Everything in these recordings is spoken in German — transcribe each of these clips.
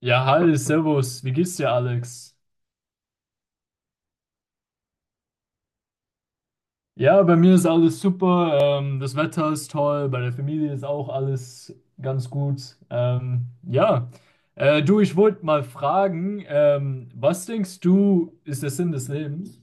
Ja, hi, servus, wie geht's dir, Alex? Ja, bei mir ist alles super, das Wetter ist toll, bei der Familie ist auch alles ganz gut. Ja, Du, ich wollte mal fragen, was denkst du, ist der Sinn des Lebens?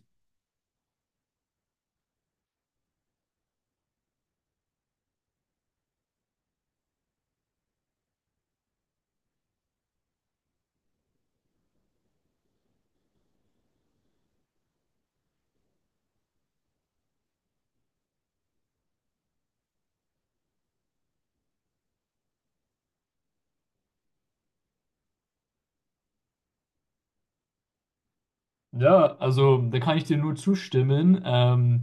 Ja, also da kann ich dir nur zustimmen.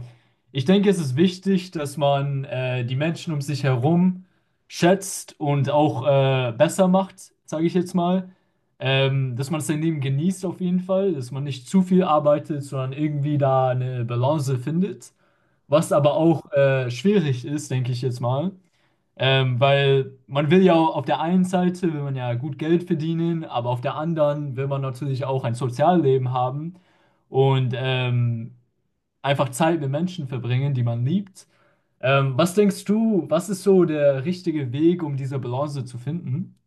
Ich denke, es ist wichtig, dass man die Menschen um sich herum schätzt und auch besser macht, sage ich jetzt mal. Dass man sein Leben genießt auf jeden Fall, dass man nicht zu viel arbeitet, sondern irgendwie da eine Balance findet. Was aber auch schwierig ist, denke ich jetzt mal. Weil man will ja auf der einen Seite will man ja gut Geld verdienen, aber auf der anderen will man natürlich auch ein Sozialleben haben und einfach Zeit mit Menschen verbringen, die man liebt. Was denkst du, was ist so der richtige Weg, um diese Balance zu finden?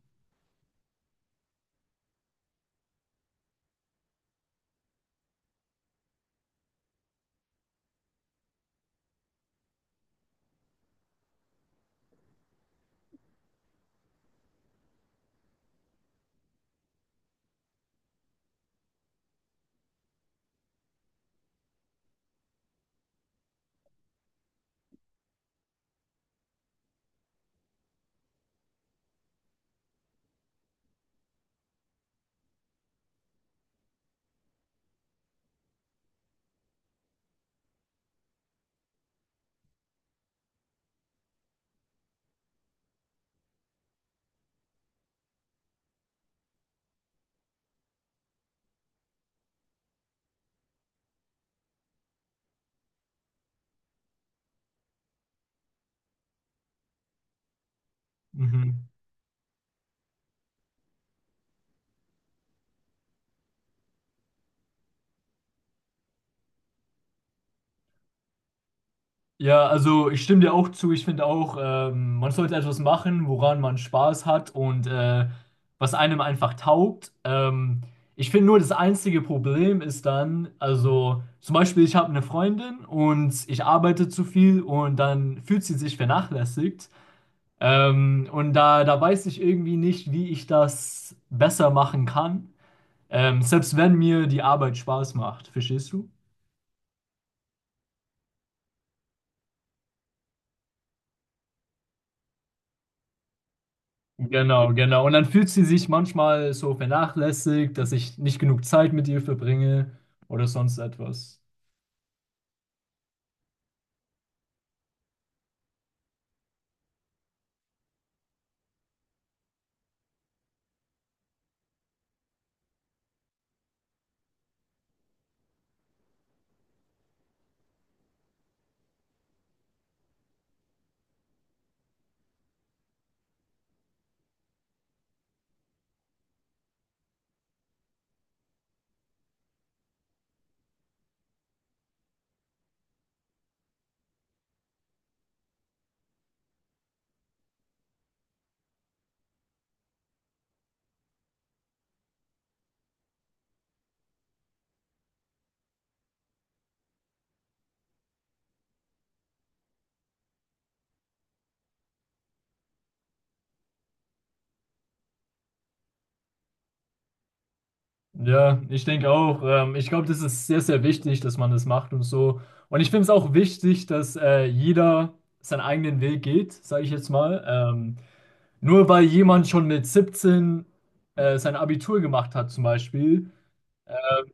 Mhm. Ja, also ich stimme dir auch zu. Ich finde auch, man sollte etwas machen, woran man Spaß hat und was einem einfach taugt. Ich finde nur, das einzige Problem ist dann, also zum Beispiel, ich habe eine Freundin und ich arbeite zu viel und dann fühlt sie sich vernachlässigt. Und da weiß ich irgendwie nicht, wie ich das besser machen kann, selbst wenn mir die Arbeit Spaß macht. Verstehst du? Genau, genau. Und dann fühlt sie sich manchmal so vernachlässigt, dass ich nicht genug Zeit mit ihr verbringe oder sonst etwas. Ja, ich denke auch. Ich glaube, das ist sehr, sehr wichtig, dass man das macht und so. Und ich finde es auch wichtig, dass jeder seinen eigenen Weg geht, sage ich jetzt mal. Nur weil jemand schon mit 17 sein Abitur gemacht hat, zum Beispiel,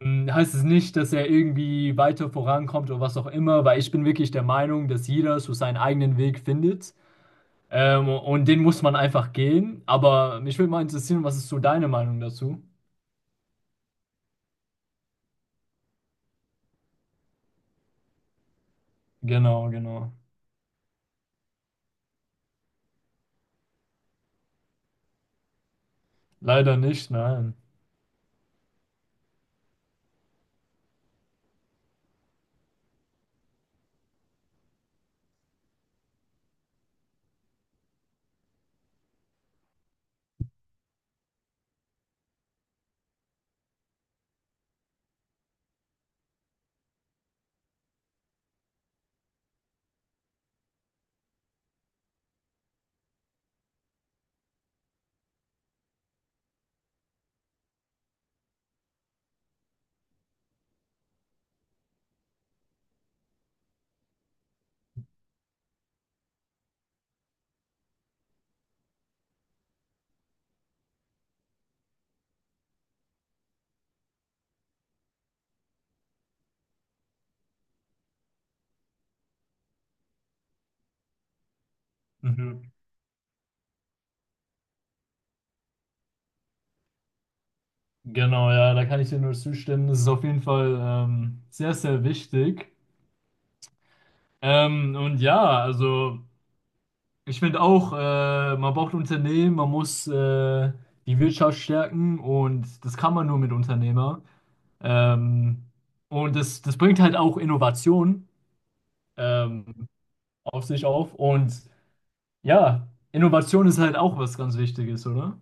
heißt es nicht, dass er irgendwie weiter vorankommt oder was auch immer, weil ich bin wirklich der Meinung, dass jeder so seinen eigenen Weg findet. Und den muss man einfach gehen. Aber mich würde mal interessieren, was ist so deine Meinung dazu? Genau, genau. Leider nicht, nein. Mhm. Genau, ja, da kann ich dir nur zustimmen. Das ist auf jeden Fall sehr, sehr wichtig. Und ja, also ich finde auch, man braucht Unternehmen, man muss die Wirtschaft stärken und das kann man nur mit Unternehmer. Ähm, und das, das bringt halt auch Innovation ähm, auf sich auf. Und ja, Innovation ist halt auch was ganz Wichtiges, oder?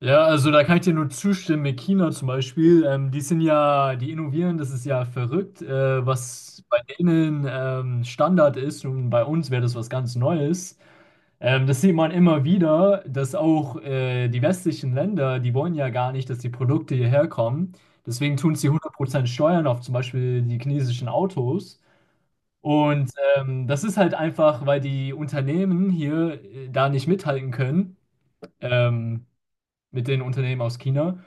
Ja, also da kann ich dir nur zustimmen. Mit China zum Beispiel, die sind ja, die innovieren, das ist ja verrückt, was bei denen Standard ist und bei uns wäre das was ganz Neues. Das sieht man immer wieder, dass auch die westlichen Länder, die wollen ja gar nicht, dass die Produkte hierher kommen. Deswegen tun sie 100% Steuern auf zum Beispiel die chinesischen Autos. Und das ist halt einfach, weil die Unternehmen hier da nicht mithalten können, ähm, mit den Unternehmen aus China.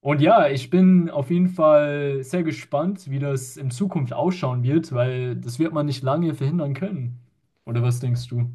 Und ja, ich bin auf jeden Fall sehr gespannt, wie das in Zukunft ausschauen wird, weil das wird man nicht lange verhindern können. Oder was denkst du?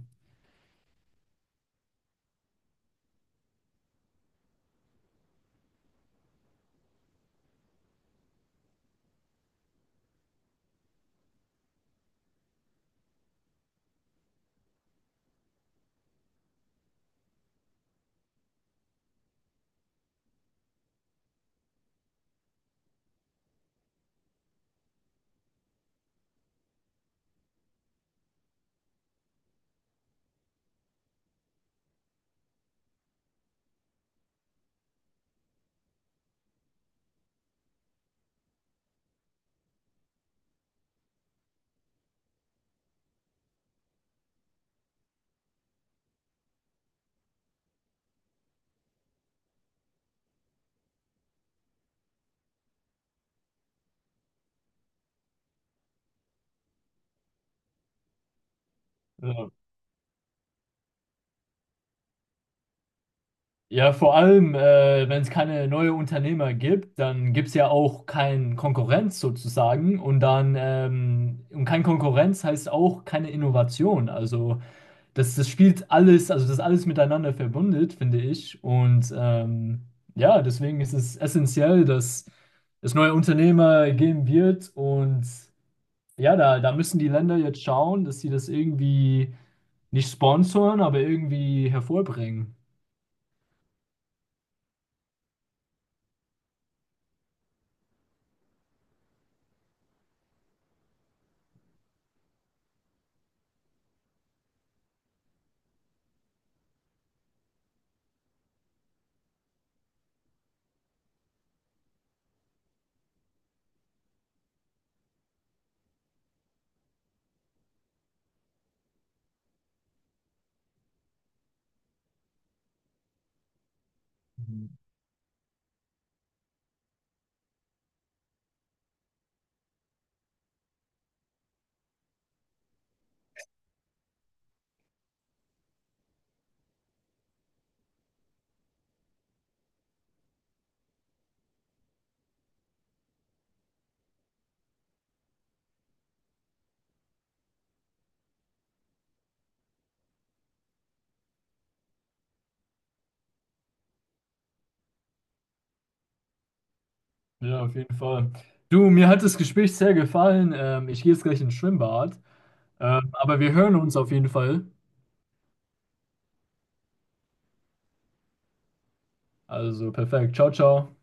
Ja, ja vor allem, wenn es keine neuen Unternehmer gibt, dann gibt es ja auch keinen Konkurrenz sozusagen. Und dann, und kein Konkurrenz heißt auch keine Innovation. Also das, das spielt alles, also das ist alles miteinander verbundet, finde ich. Und ja, deswegen ist es essentiell, dass es neue Unternehmer geben wird. Und ja, da müssen die Länder jetzt schauen, dass sie das irgendwie nicht sponsoren, aber irgendwie hervorbringen. Mhm. Ja, auf jeden Fall. Du, mir hat das Gespräch sehr gefallen. Ich gehe jetzt gleich ins Schwimmbad. Aber wir hören uns auf jeden Fall. Also perfekt. Ciao, ciao.